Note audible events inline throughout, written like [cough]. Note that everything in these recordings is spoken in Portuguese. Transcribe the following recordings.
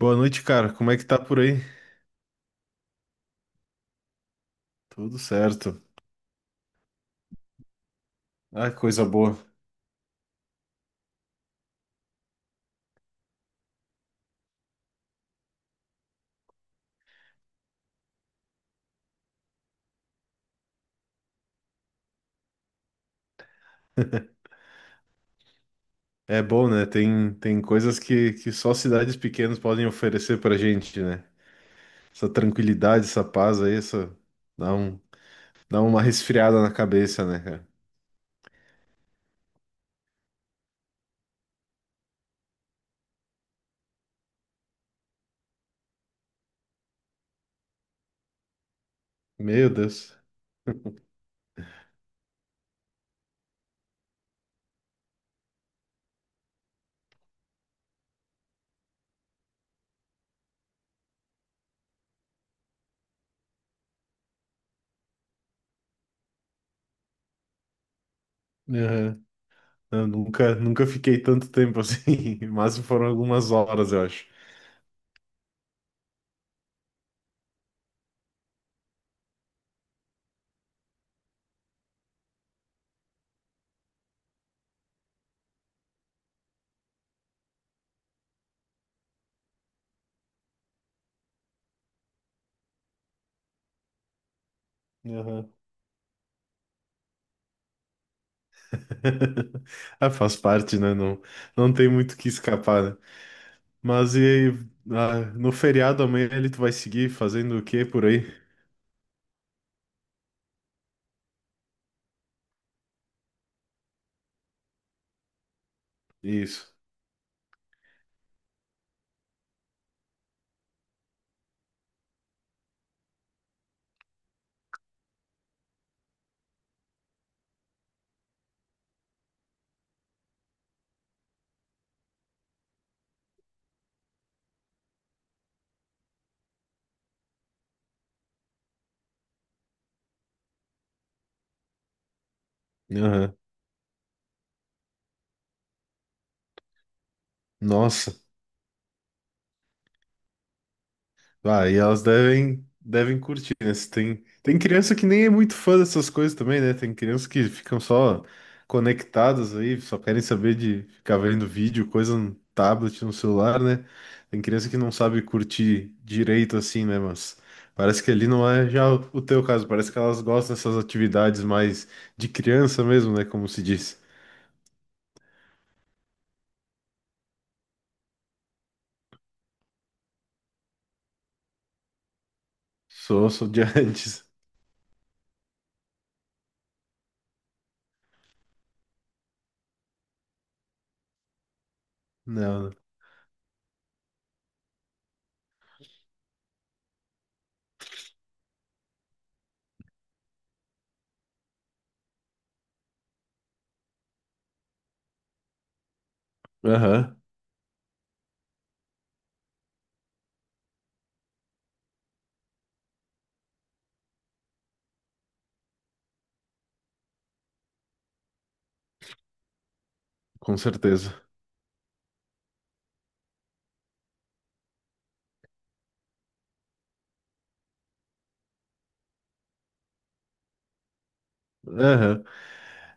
Boa noite, cara. Como é que tá por aí? Tudo certo. Ah, coisa boa. É bom, né? Tem coisas que só cidades pequenas podem oferecer pra gente, né? Essa tranquilidade, essa paz aí, Dá um, dá uma resfriada na cabeça, né, cara? Meu Deus. Aham. Eu nunca fiquei tanto tempo assim, [laughs] mas foram algumas horas, eu acho. Aham. [laughs] Ah, faz parte, né? Não, não tem muito o que escapar, né? Mas e, ah, no feriado amanhã, ele tu vai seguir fazendo o quê por aí? Isso. Aham. Nossa. Ah, e elas devem curtir, né? Se Tem criança que nem é muito fã dessas coisas também, né? Tem criança que ficam só conectadas aí, só querem saber de ficar vendo vídeo, coisa no tablet, no celular, né? Tem criança que não sabe curtir direito assim, né? Mas parece que ali não é já o teu caso, parece que elas gostam dessas atividades mais de criança mesmo, né? Como se diz. Sou de [laughs] antes. Não. Aham, com certeza. Aham.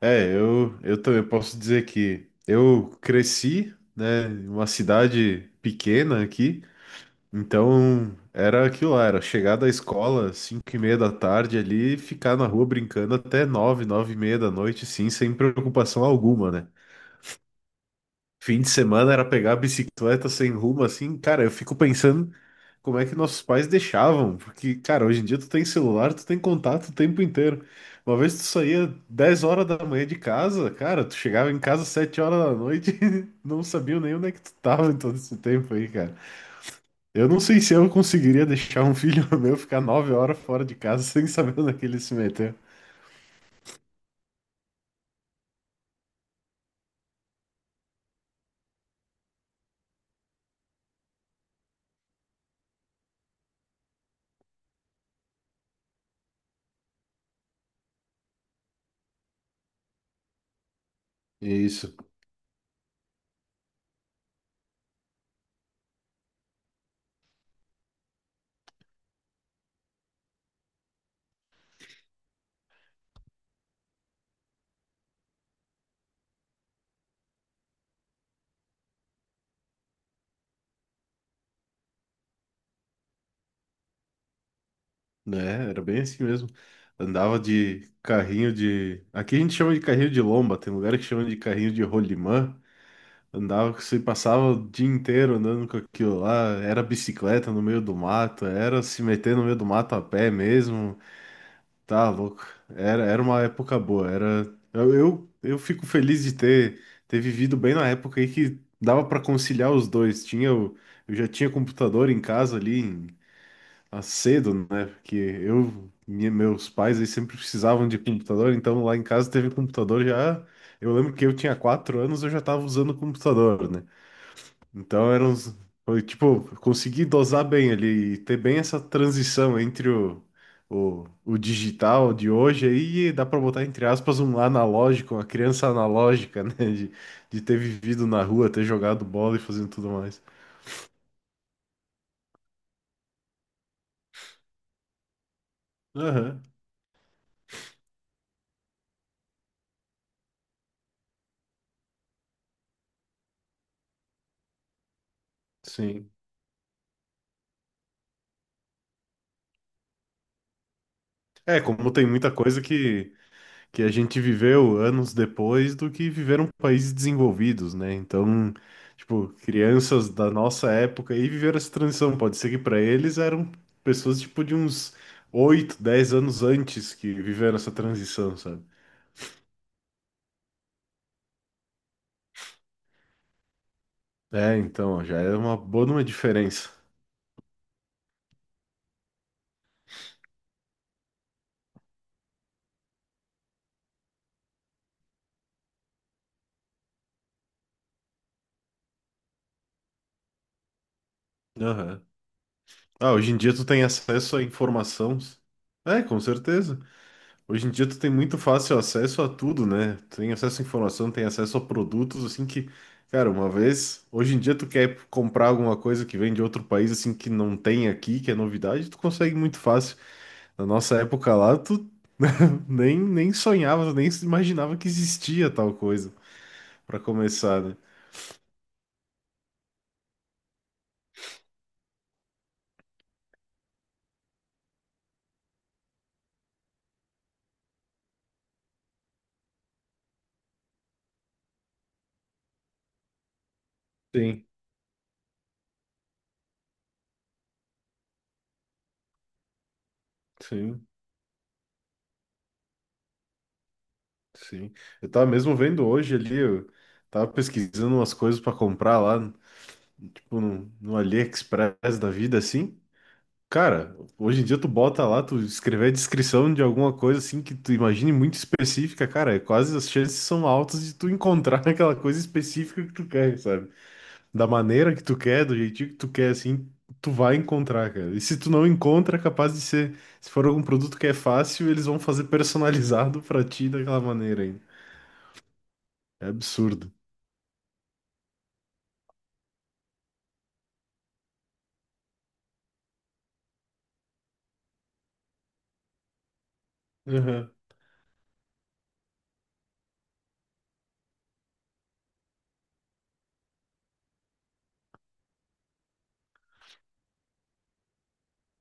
É, eu também posso dizer que eu cresci, né, em uma cidade pequena aqui, então era aquilo lá, era chegar da escola cinco e meia da tarde ali, e ficar na rua brincando até nove, nove e meia da noite, sim, sem preocupação alguma, né? Fim de semana era pegar a bicicleta sem rumo, assim, cara, eu fico pensando como é que nossos pais deixavam, porque, cara, hoje em dia tu tem celular, tu tem contato o tempo inteiro. Uma vez tu saía 10 horas da manhã de casa, cara, tu chegava em casa 7 horas da noite [laughs] e não sabia nem onde é que tu tava em todo esse tempo aí, cara. Eu não sei se eu conseguiria deixar um filho [laughs] meu ficar 9 horas fora de casa sem saber onde é que ele se meteu. É isso. Né? Era bem assim mesmo. Andava de carrinho de. Aqui a gente chama de carrinho de lomba, tem lugar que chama de carrinho de rolimã. Andava, você passava o dia inteiro andando com aquilo lá. Era bicicleta no meio do mato, era se meter no meio do mato a pé mesmo. Tá louco. Era uma época boa. Era. Eu fico feliz de ter vivido bem na época aí que dava para conciliar os dois. Tinha o. Eu já tinha computador em casa ali, a cedo, né? Porque meus pais, eles sempre precisavam de computador, então lá em casa teve computador já. Eu lembro que eu tinha 4 anos, eu já tava usando computador, né? Então foi tipo, eu consegui dosar bem ali e ter bem essa transição entre o digital de hoje aí, e dá pra botar entre aspas um analógico, uma criança analógica, [laughs] né? De ter vivido na rua, ter jogado bola e fazendo tudo mais. Aham, sim. É, como tem muita coisa que a gente viveu anos depois do que viveram países desenvolvidos, né? Então, tipo, crianças da nossa época aí viveram essa transição. Pode ser que para eles eram pessoas tipo de uns 8, 10 anos antes que viveram essa transição, sabe? É, então, ó, já é uma boa de uma diferença. Aham. Ah, hoje em dia tu tem acesso à informação. É, com certeza. Hoje em dia tu tem muito fácil acesso a tudo, né? Tu tem acesso à informação, tem acesso a produtos, assim que, cara, uma vez, hoje em dia tu quer comprar alguma coisa que vem de outro país, assim, que não tem aqui, que é novidade, tu consegue muito fácil. Na nossa época lá, tu [laughs] nem sonhava, nem se imaginava que existia tal coisa, pra começar, né? Sim, sim, sim. Eu tava mesmo vendo hoje ali, eu tava pesquisando umas coisas pra comprar lá, tipo no AliExpress da vida, assim. Cara, hoje em dia tu bota lá, tu escrever a descrição de alguma coisa assim que tu imagine muito específica, cara, é quase as chances são altas de tu encontrar [laughs] aquela coisa específica que tu quer, sabe? Da maneira que tu quer, do jeitinho que tu quer, assim, tu vai encontrar, cara. E se tu não encontra, é capaz de ser, se for algum produto que é fácil, eles vão fazer personalizado pra ti daquela maneira ainda. É absurdo. Uhum.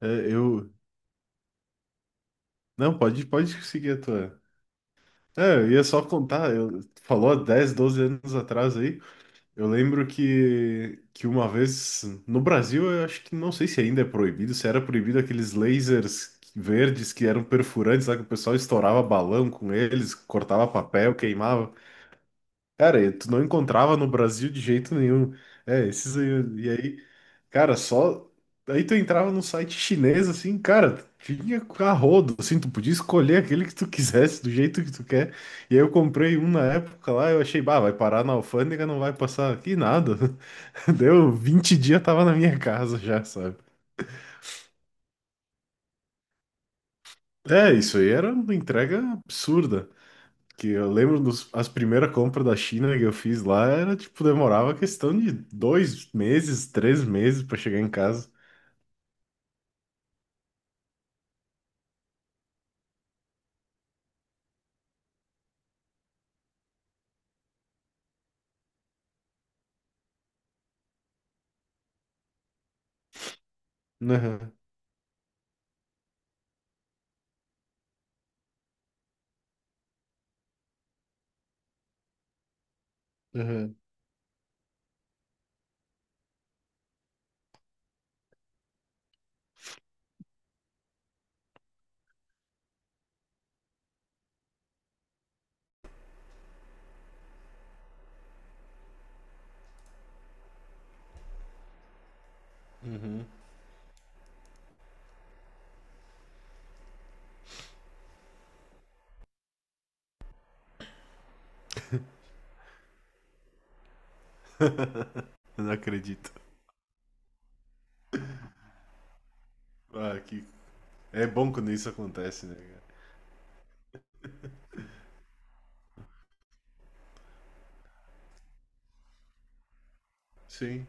É, eu. Não, pode seguir a tua. É, eu ia só contar, tu falou há 10, 12 anos atrás aí. Eu lembro que uma vez no Brasil, eu acho que não sei se ainda é proibido, se era proibido aqueles lasers verdes que eram perfurantes, lá que o pessoal estourava balão com eles, cortava papel, queimava. Cara, e tu não encontrava no Brasil de jeito nenhum. É, esses aí, e aí, cara, só aí tu entrava num site chinês assim, cara, tinha a rodo, assim, tu podia escolher aquele que tu quisesse, do jeito que tu quer. E aí eu comprei um na época lá, eu achei, bah, vai parar na alfândega, não vai passar aqui nada. Deu 20 dias, tava na minha casa já, sabe? É, isso aí era uma entrega absurda. Que eu lembro as primeiras compras da China que eu fiz lá, era tipo, demorava questão de 2 meses, 3 meses pra chegar em casa. Aham, aham. Uhum. Eu não acredito. Ah, que... É bom quando isso acontece, né, cara? Sim,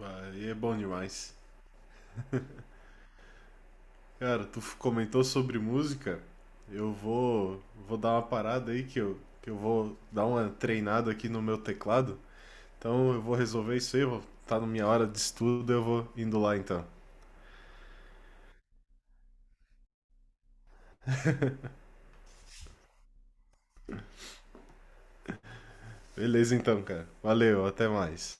ah, e é bom demais. Cara, tu comentou sobre música. Eu vou dar uma parada aí que eu vou dar uma treinada aqui no meu teclado. Então eu vou resolver isso aí, vou tá na minha hora de estudo, eu vou indo lá então. Beleza então, cara. Valeu, até mais.